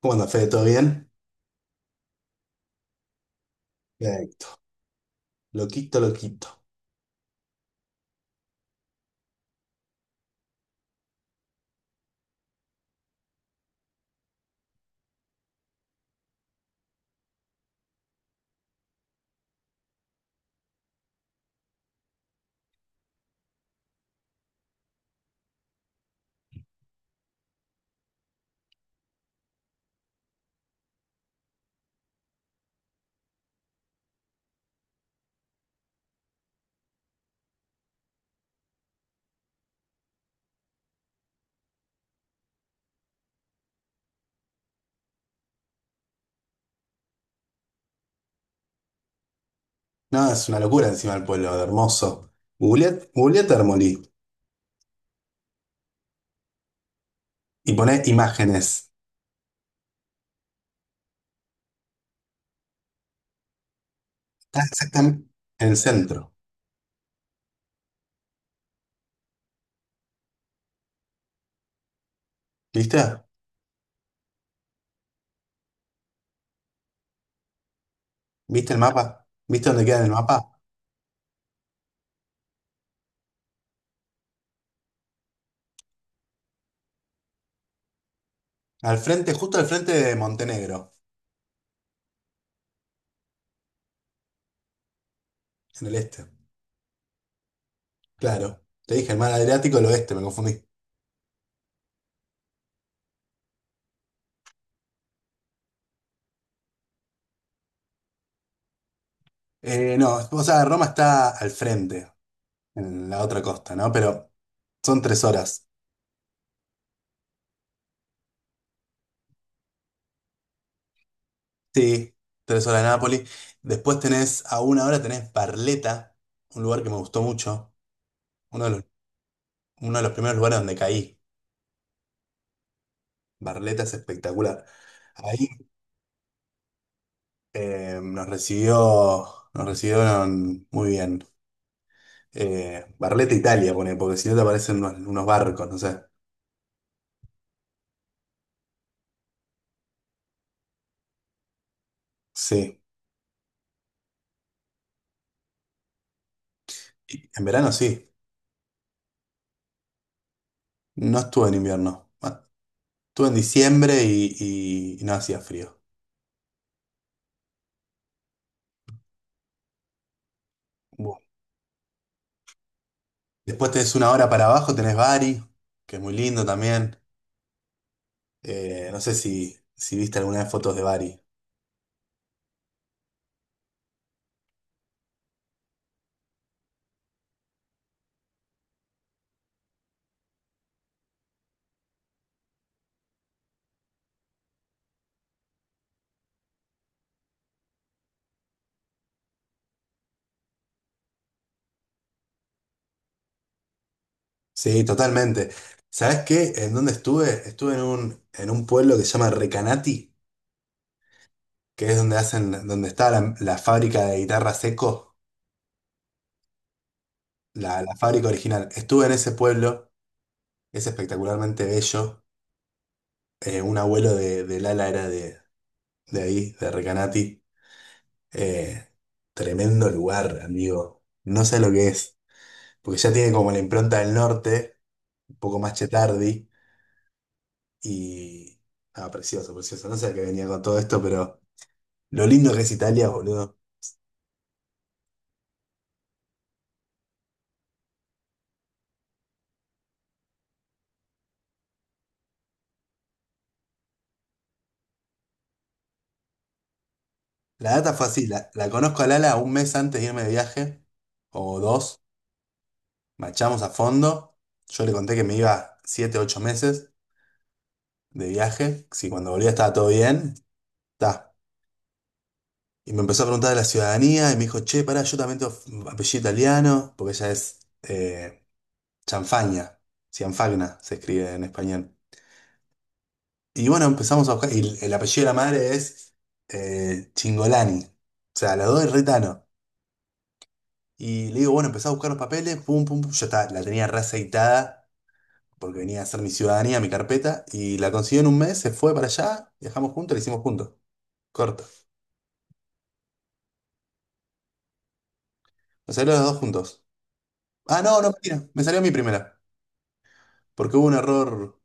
¿Cómo anda, Fede? ¿Todo bien? Bien. Loquito, loquito. No, es una locura encima del pueblo, de hermoso. Googleé Termolí y poné imágenes. Está exactamente en el centro. ¿Viste? ¿Viste el mapa? ¿Viste dónde queda en el mapa? Al frente, justo al frente de Montenegro, en el este. Claro. Te dije el mar Adriático, el oeste, me confundí. No, o sea, Roma está al frente, en la otra costa, ¿no? Pero son tres horas. Sí, tres horas de Nápoles. Después tenés, a una hora tenés Barletta, un lugar que me gustó mucho, uno de los, uno de los primeros lugares donde caí. Barletta es espectacular. Ahí eh, nos recibió, nos recibieron muy bien. Barletta Italia, pone, porque si no te aparecen unos barcos, no sé. Sí. Y en verano sí. No estuve en invierno. Ah, estuve en diciembre y, y no hacía frío. Bueno. Después tenés una hora para abajo, tenés Bari, que es muy lindo también. No sé si, si viste alguna de fotos de Bari. Sí, totalmente. ¿Sabes qué? ¿En dónde estuve? Estuve en un pueblo que se llama Recanati, que es donde hacen, donde está la fábrica de guitarra Seco, la fábrica original. Estuve en ese pueblo, es espectacularmente bello. Un abuelo de Lala era de ahí, de Recanati. Eh, Tremendo lugar, amigo. No sé lo que es, porque ya tiene como la impronta del norte, un poco más chetardi. Y. Ah, precioso, precioso. No sé a qué venía con todo esto, pero lo lindo que es Italia, boludo. La data fue así: la conozco a Lala un mes antes de irme de viaje, o dos. Machamos a fondo. Yo le conté que me iba siete, ocho meses de viaje. Si cuando volvía estaba todo bien. Ta. Y me empezó a preguntar de la ciudadanía y me dijo: Che, pará, yo también tengo apellido italiano, porque ella es Chanfagna. Cianfagna se escribe en español. Y bueno, empezamos a buscar. Y el apellido de la madre es Chingolani. O sea, la dos es retano. Y le digo, bueno, empecé a buscar los papeles, pum, pum, pum. Ya está, la tenía reaceitada porque venía a hacer mi ciudadanía, mi carpeta. Y la consiguió en un mes, se fue para allá, viajamos juntos, la hicimos juntos. Corto. Nos salió los dos juntos. Ah, no, no, mentira. Me salió mi primera. Porque hubo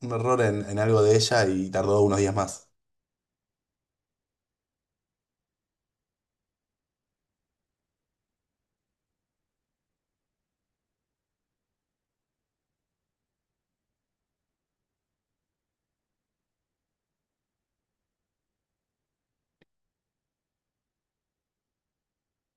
un error en algo de ella y tardó unos días más.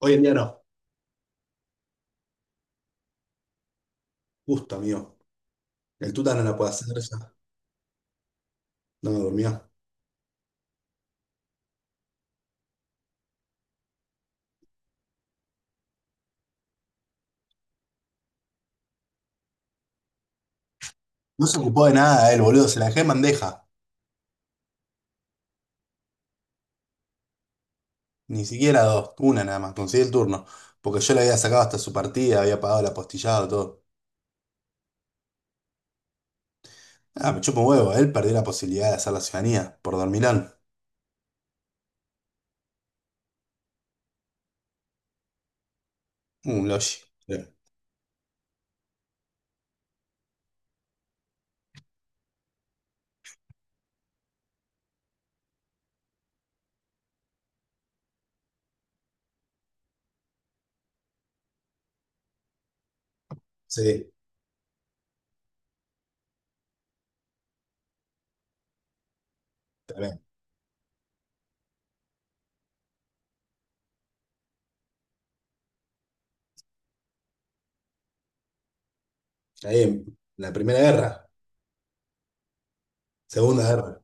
Hoy en día no. Justo, amigo. El tuta no la puede hacer ya. No me durmió. No se ocupó de nada él, boludo. Se la dejé en bandeja. Ni siquiera dos. Una nada más. Conseguí el turno. Porque yo le había sacado hasta su partida, había pagado el apostillado, todo. Ah, me chupa un huevo. Él perdió la posibilidad de hacer la ciudadanía por dormilón. Un logi. Sí, sí, también. Ahí en la primera guerra. Segunda guerra.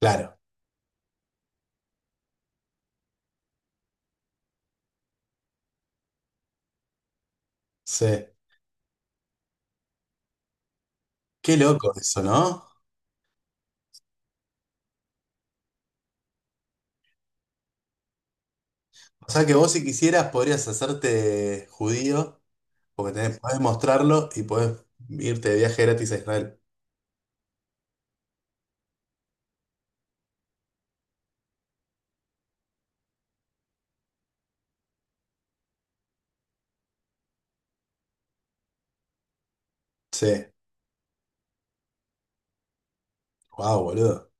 Claro. Sí. Qué loco eso, ¿no? O sea que vos si quisieras podrías hacerte judío, porque tenés, podés mostrarlo y podés irte de viaje gratis a Israel. Sí. Wow, boludo.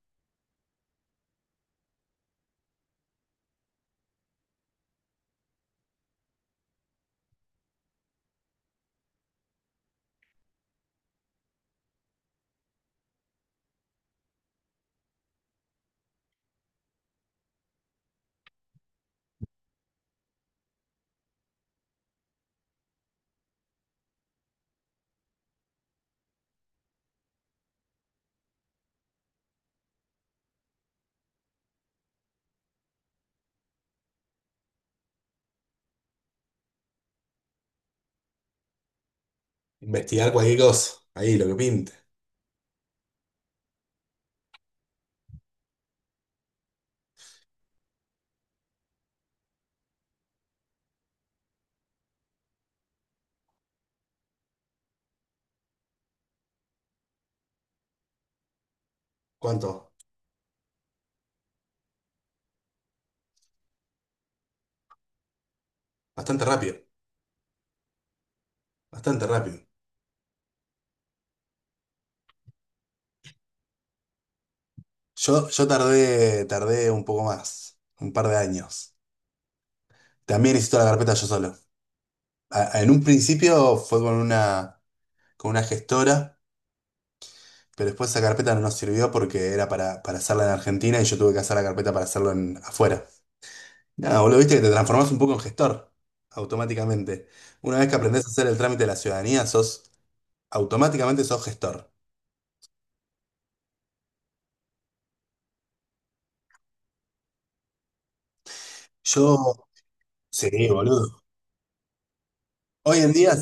Investigar cualquier cosa. Ahí, lo que pinte. ¿Cuánto? Bastante rápido. Bastante rápido. Yo tardé, tardé un poco más. Un par de años. También hice toda la carpeta yo solo. A- en un principio fue con una gestora, pero después esa carpeta no nos sirvió porque era para hacerla en Argentina y yo tuve que hacer la carpeta para hacerlo en, afuera. Nada, boludo, viste que te transformás un poco en gestor. Automáticamente. Una vez que aprendés a hacer el trámite de la ciudadanía, sos automáticamente sos gestor. Yo, sí, boludo. Hoy en día,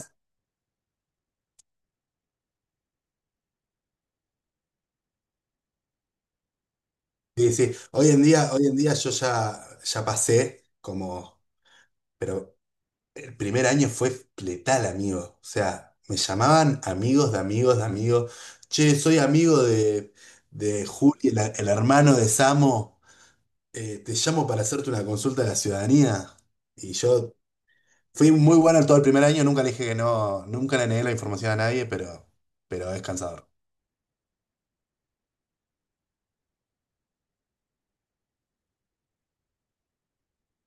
sí, sí, hoy en día yo ya, ya pasé como, pero el primer año fue letal, amigo. O sea, me llamaban amigos de amigos de amigos. Che, soy amigo de Juli, el hermano de Samo. Te llamo para hacerte una consulta de la ciudadanía. Y yo fui muy bueno todo el primer año, nunca le dije que no, nunca le negué la información a nadie, pero es cansador.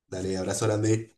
Dale, abrazo grande.